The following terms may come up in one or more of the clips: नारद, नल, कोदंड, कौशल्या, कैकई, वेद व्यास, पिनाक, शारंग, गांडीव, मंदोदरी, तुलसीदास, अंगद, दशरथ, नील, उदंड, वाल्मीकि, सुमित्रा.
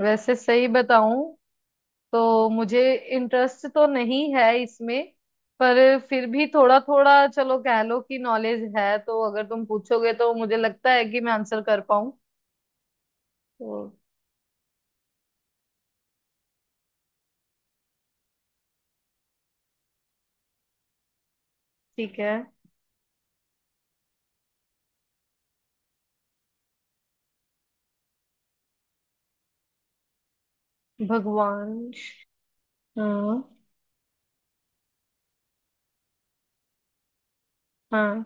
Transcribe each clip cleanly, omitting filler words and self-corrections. वैसे सही बताऊं तो मुझे इंटरेस्ट तो नहीं है इसमें। पर फिर भी थोड़ा थोड़ा चलो कह लो कि नॉलेज है, तो अगर तुम पूछोगे तो मुझे लगता है कि मैं आंसर कर पाऊं। तो ठीक है। भगवान। हाँ, हाँ।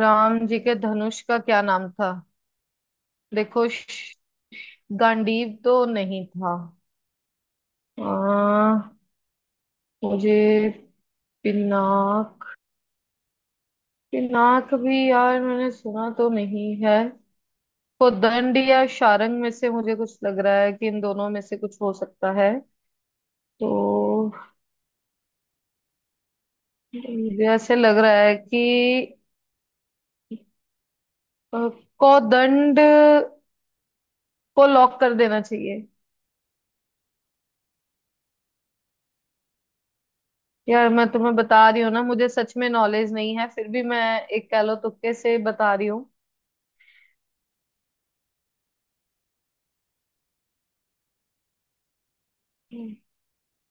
राम जी के धनुष का क्या नाम था? देखो गांडीव तो नहीं था। आ, मुझे पिनाक, भी यार मैंने सुना तो नहीं है। उदंड या शारंग में से मुझे कुछ लग रहा है कि इन दोनों में से कुछ हो सकता है। तो मुझे ऐसे लग रहा है कि अ, कोदंड को लॉक कर देना चाहिए। यार मैं तुम्हें बता रही हूँ ना, मुझे सच में नॉलेज नहीं है, फिर भी मैं एक कह लो तुक्के से बता रही हूँ।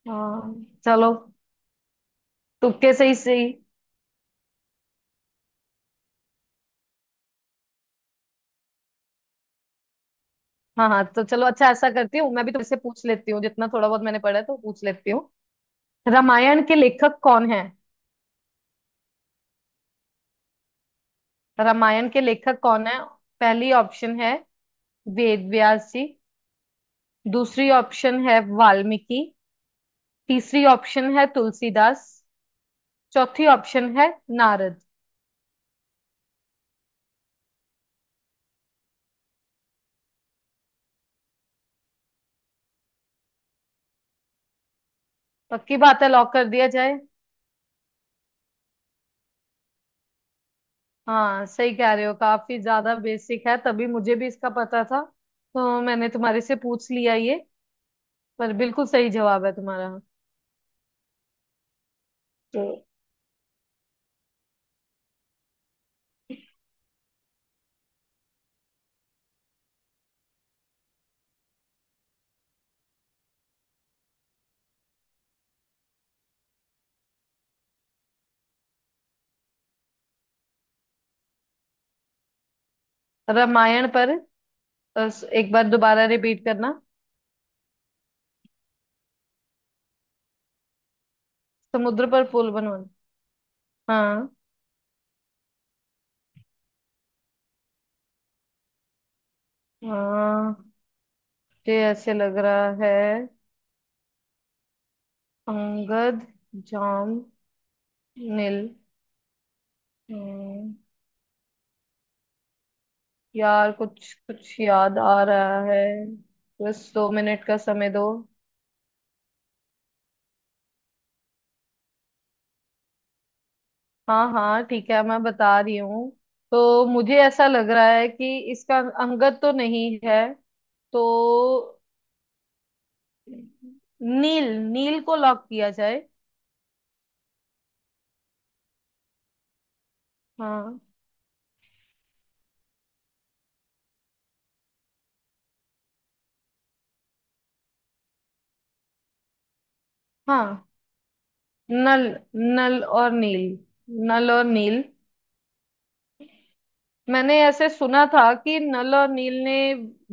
हाँ, चलो, तुक्के से ही सही। हाँ हाँ, तो चलो, अच्छा ऐसा करती हूँ, मैं भी तुमसे पूछ लेती हूँ, जितना थोड़ा बहुत मैंने पढ़ा है तो पूछ लेती हूँ। रामायण के लेखक कौन है? रामायण के लेखक कौन है, पहली ऑप्शन है वेद व्यास जी। दूसरी ऑप्शन है वाल्मीकि। तीसरी ऑप्शन है तुलसीदास। चौथी ऑप्शन है नारद। पक्की बात है, लॉक कर दिया जाए। हाँ सही कह रहे हो, काफी ज्यादा बेसिक है तभी मुझे भी इसका पता था, तो मैंने तुम्हारे से पूछ लिया ये। पर बिल्कुल सही जवाब है तुम्हारा। तो रामायण पर एक बार दोबारा रिपीट करना। समुद्र पर पुल बनवाना। हाँ। हाँ। मुझे ऐसे लग रहा है, अंगद, जाम, नील, हम्म, यार कुछ कुछ याद आ रहा है। बस 2 मिनट का समय दो। हाँ हाँ ठीक है, मैं बता रही हूँ। तो मुझे ऐसा लग रहा है कि इसका अंगद तो नहीं है। तो नील नील को लॉक किया जाए। हाँ हाँ। नल, नल और नील नल और नील। मैंने ऐसे सुना था कि नल और नील ने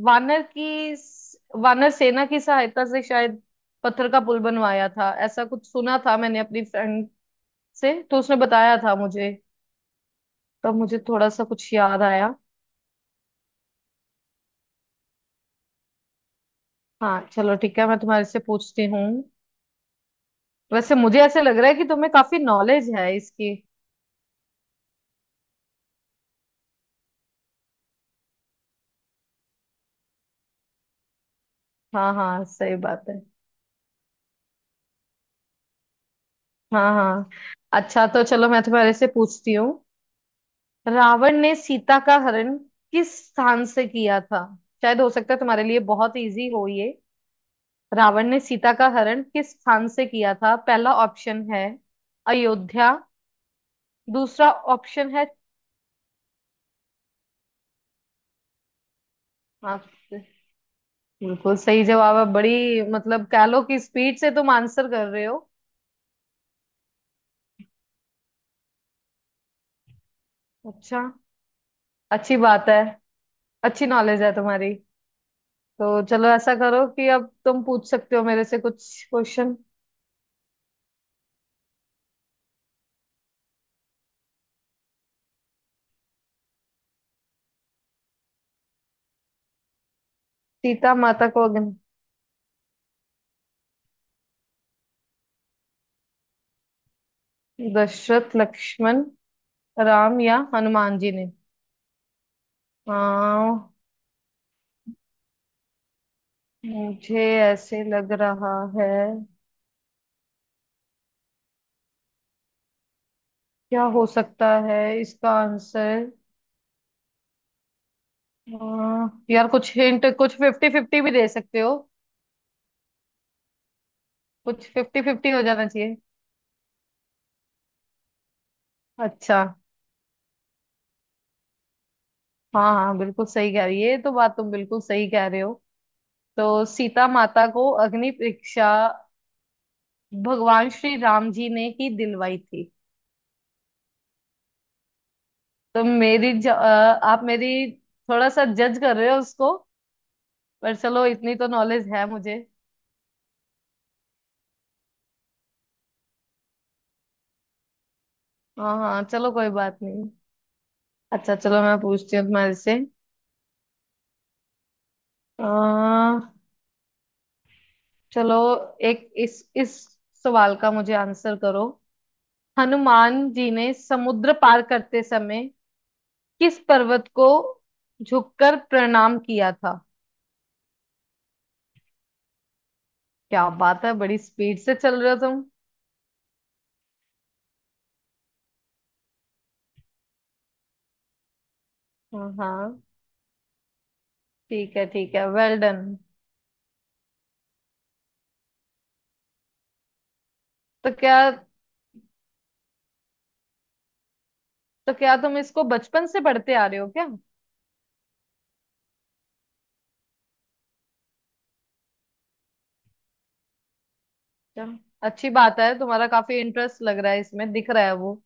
वानर की वानर सेना की सहायता से शायद पत्थर का पुल बनवाया था, ऐसा कुछ सुना था मैंने अपनी फ्रेंड से, तो उसने बताया था मुझे। तब मुझे थोड़ा सा कुछ याद आया। हाँ चलो ठीक है, मैं तुम्हारे से पूछती हूँ। वैसे मुझे ऐसे लग रहा है कि तुम्हें काफी नॉलेज है इसकी। हाँ हाँ, सही बात है। हाँ हाँ। अच्छा तो चलो, मैं तुम्हारे से पूछती हूँ। रावण ने सीता का हरण किस स्थान से किया था? शायद हो सकता है तुम्हारे लिए बहुत इजी हो ये। रावण ने सीता का हरण किस स्थान से किया था, पहला ऑप्शन है अयोध्या। दूसरा ऑप्शन है। हाँ, बिल्कुल सही जवाब है। बड़ी मतलब कह लो कि स्पीड से तुम आंसर कर रहे हो। अच्छा। अच्छी बात है, अच्छी नॉलेज है तुम्हारी। तो चलो ऐसा करो कि अब तुम पूछ सकते हो मेरे से कुछ क्वेश्चन। सीता माता को अग्नि, दशरथ, लक्ष्मण, राम या हनुमान जी ने। आ, मुझे ऐसे लग रहा है, क्या हो सकता है इसका आंसर? यार कुछ हिंट, कुछ फिफ्टी फिफ्टी भी दे सकते हो। कुछ फिफ्टी फिफ्टी हो जाना चाहिए। अच्छा। हाँ हाँ, बिल्कुल सही कह रही है, ये तो बात तुम बिल्कुल सही कह रहे हो। तो सीता माता को अग्नि परीक्षा भगवान श्री राम जी ने ही दिलवाई थी। तो आप मेरी थोड़ा सा जज कर रहे हो उसको। पर चलो इतनी तो नॉलेज है मुझे। हाँ हाँ चलो, कोई बात नहीं। अच्छा चलो, मैं पूछती हूँ तुम्हारे से। आ, चलो, एक इस सवाल का मुझे आंसर करो। हनुमान जी ने समुद्र पार करते समय किस पर्वत को झुककर प्रणाम किया था? क्या बात है, बड़ी स्पीड से चल रहे हो तुम। हाँ हाँ, ठीक है ठीक है, वेल डन। तो क्या तो क्या तुम इसको बचपन से पढ़ते आ रहे हो क्या? चलो अच्छी बात है, तुम्हारा काफी इंटरेस्ट लग रहा है इसमें, दिख रहा है वो।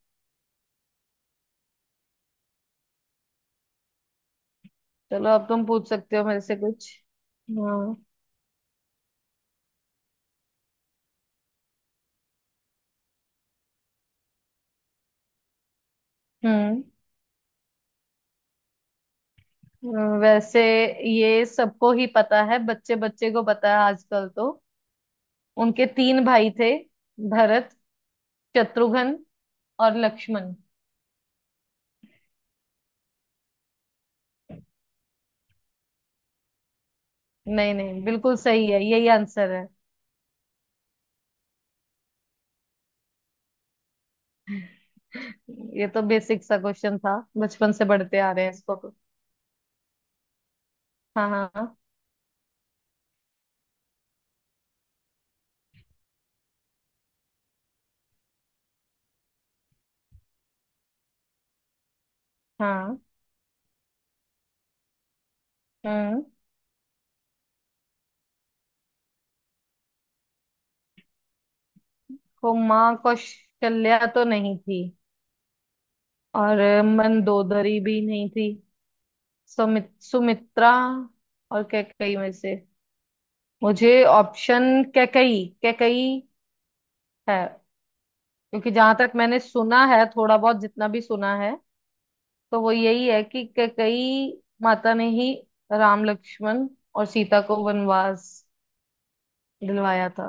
चलो अब तुम पूछ सकते हो मेरे से कुछ। हाँ। हम्म। वैसे ये सबको ही पता है, बच्चे बच्चे को पता है आजकल तो। उनके तीन भाई थे, भरत, शत्रुघ्न और लक्ष्मण। नहीं नहीं, बिल्कुल सही है, यही आंसर है। ये तो बेसिक सा क्वेश्चन था, बचपन से पढ़ते आ रहे हैं इसको तो। हाँ हाँ हाँ हाँ। हम्म। को माँ कौशल्या तो नहीं थी, और मंदोदरी भी नहीं थी। सुमित्रा और कैकई में से, मुझे ऑप्शन कैकई, है, क्योंकि जहां तक मैंने सुना है, थोड़ा बहुत जितना भी सुना है, तो वो यही है कि कैकई माता ने ही राम, लक्ष्मण और सीता को वनवास दिलवाया था।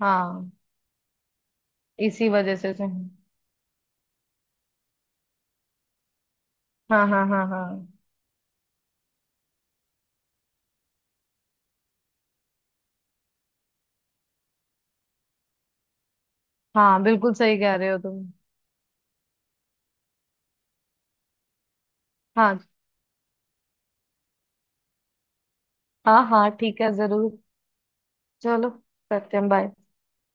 हाँ, इसी वजह से। हाँ हाँ हाँ हाँ। हाँ बिल्कुल सही कह रहे हो तुम। हाँ हाँ हाँ ठीक है, जरूर। चलो, करते हैं, बाय।